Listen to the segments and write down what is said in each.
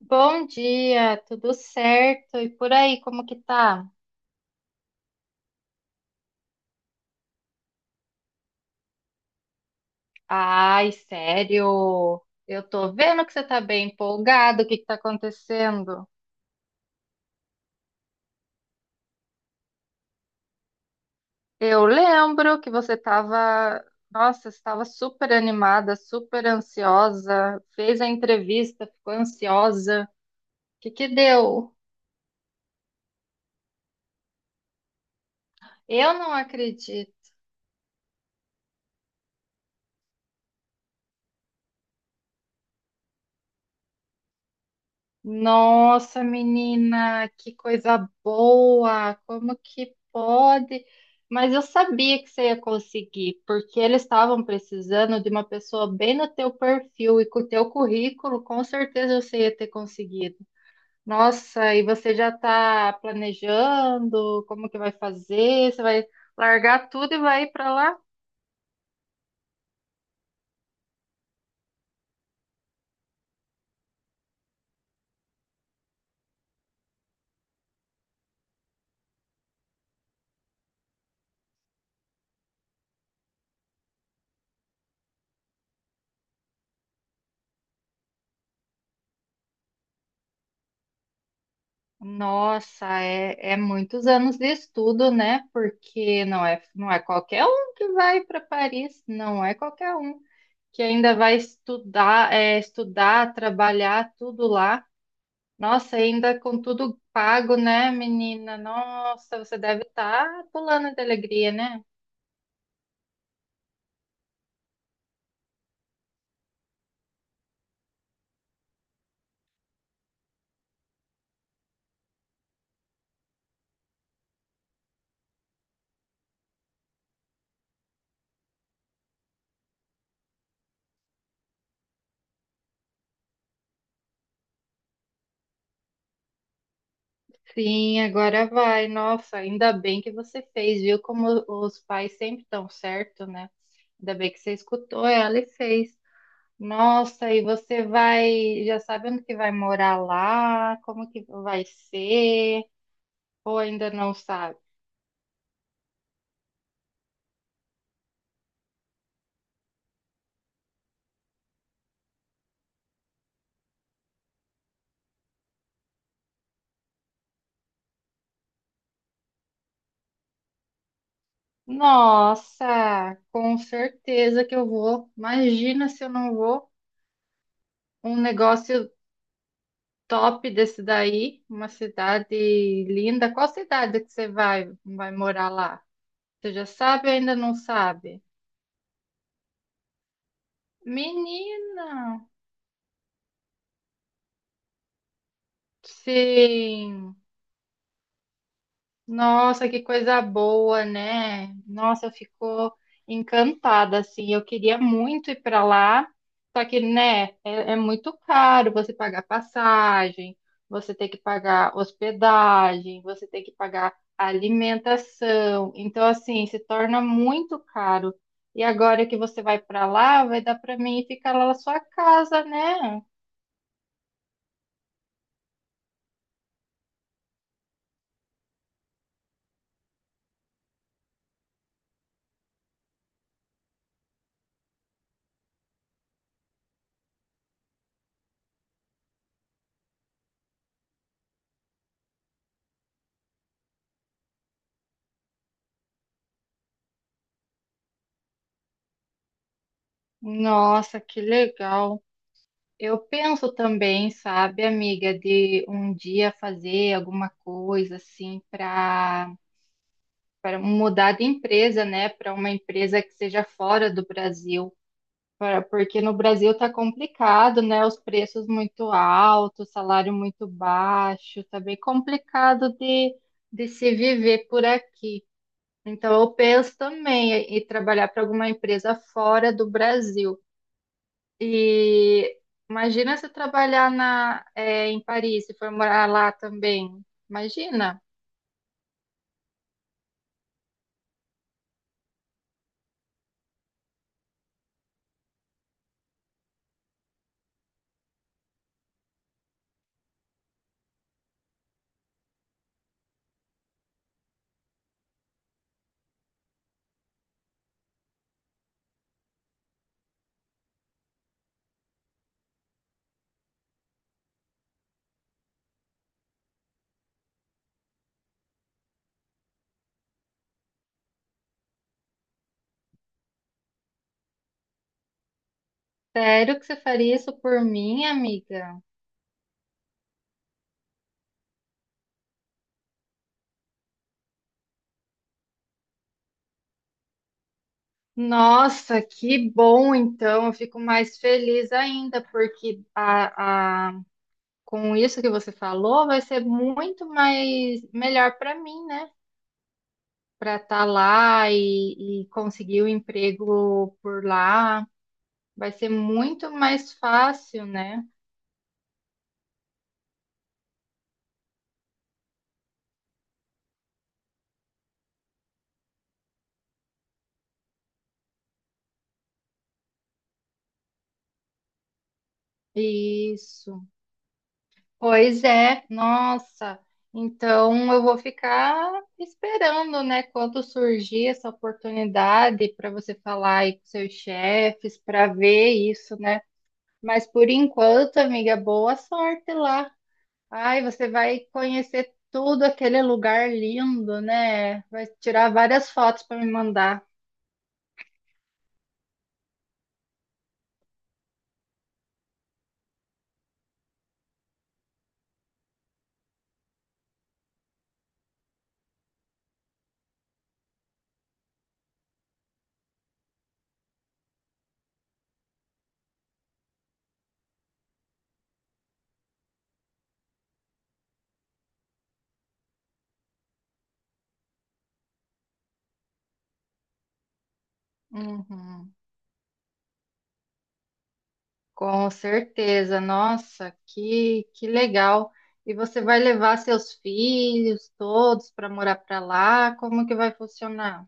Bom dia, tudo certo? E por aí, como que tá? Ai, sério? Eu tô vendo que você tá bem empolgado. O que que tá acontecendo? Eu lembro que você tava, nossa, estava super animada, super ansiosa, fez a entrevista, ficou ansiosa. O que que deu? Eu não acredito. Nossa, menina, que coisa boa! Como que pode? Mas eu sabia que você ia conseguir, porque eles estavam precisando de uma pessoa bem no teu perfil e com o teu currículo, com certeza você ia ter conseguido. Nossa, e você já está planejando como que vai fazer? Você vai largar tudo e vai ir para lá? Nossa, é muitos anos de estudo, né? Porque não é qualquer um que vai para Paris, não é qualquer um que ainda vai estudar, é, estudar, trabalhar tudo lá. Nossa, ainda com tudo pago, né, menina? Nossa, você deve estar pulando de alegria, né? Sim, agora vai. Nossa, ainda bem que você fez, viu? Como os pais sempre estão certo, né? Ainda bem que você escutou ela e fez. Nossa, e você vai, já sabe onde que vai morar lá? Como que vai ser? Ou ainda não sabe? Nossa, com certeza que eu vou. Imagina se eu não vou. Um negócio top desse daí, uma cidade linda. Qual cidade que você vai morar lá? Você já sabe ou ainda não sabe? Menina, sim. Nossa, que coisa boa, né? Nossa, eu fico encantada, assim. Eu queria muito ir para lá, só que, né, é muito caro você pagar passagem, você tem que pagar hospedagem, você tem que pagar alimentação. Então, assim, se torna muito caro. E agora que você vai para lá, vai dar para mim ficar lá na sua casa, né? Nossa, que legal. Eu penso também, sabe, amiga, de um dia fazer alguma coisa assim para mudar de empresa, né, para uma empresa que seja fora do Brasil, pra- porque no Brasil tá complicado, né, os preços muito altos, salário muito baixo, tá bem complicado de se viver por aqui. Então eu penso também em trabalhar para alguma empresa fora do Brasil. E imagina se trabalhar na, é, em Paris, se for morar lá também. Imagina. Sério que você faria isso por mim, amiga? Nossa, que bom então. Eu fico mais feliz ainda, porque com isso que você falou, vai ser muito mais melhor para mim, né? Para estar lá e conseguir o emprego por lá. Vai ser muito mais fácil, né? Isso. Pois é, nossa. Então eu vou ficar esperando, né, quando surgir essa oportunidade para você falar aí com seus chefes, para ver isso, né? Mas por enquanto, amiga, boa sorte lá. Ai, você vai conhecer tudo aquele lugar lindo, né? Vai tirar várias fotos para me mandar. Uhum. Com certeza, nossa, que legal. E você vai levar seus filhos todos para morar para lá? Como que vai funcionar?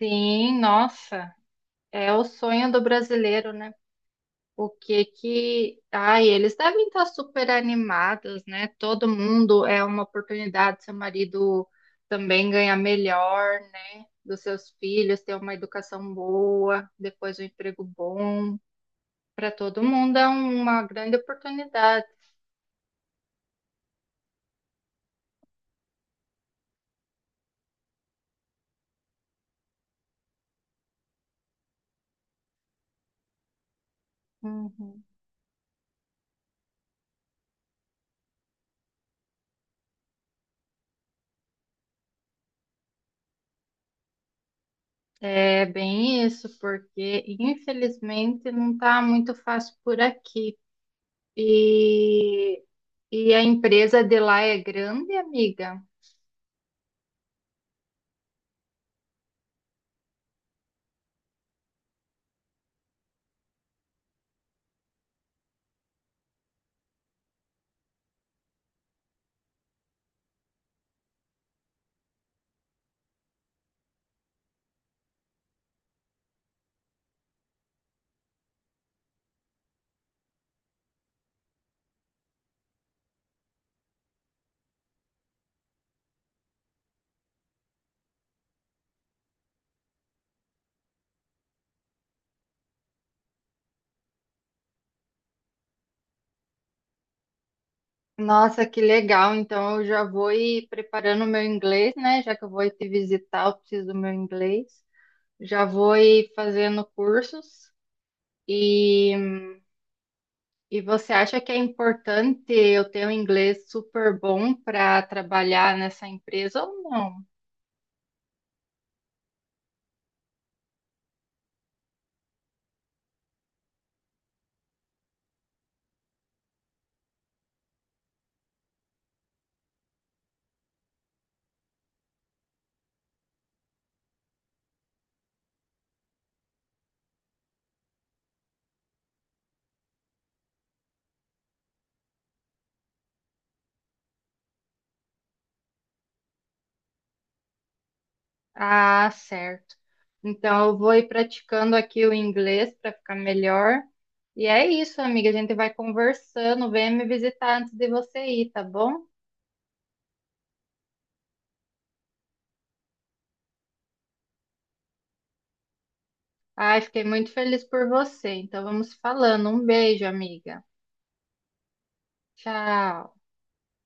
Sim, nossa, é o sonho do brasileiro, né? O que que. Ai, eles devem estar super animados, né? Todo mundo é uma oportunidade, seu marido também ganhar melhor, né? Dos seus filhos, ter uma educação boa, depois um emprego bom. Para todo mundo é uma grande oportunidade. Uhum. É bem isso, porque infelizmente não está muito fácil por aqui. E, e a empresa de lá é grande, amiga. Nossa, que legal! Então eu já vou ir preparando o meu inglês, né? Já que eu vou ir te visitar, eu preciso do meu inglês. Já vou ir fazendo cursos. E, e você acha que é importante eu ter um inglês super bom para trabalhar nessa empresa ou não? Ah, certo. Então eu vou ir praticando aqui o inglês para ficar melhor. E é isso, amiga. A gente vai conversando. Vem me visitar antes de você ir, tá bom? Ai, fiquei muito feliz por você. Então vamos falando. Um beijo, amiga. Tchau.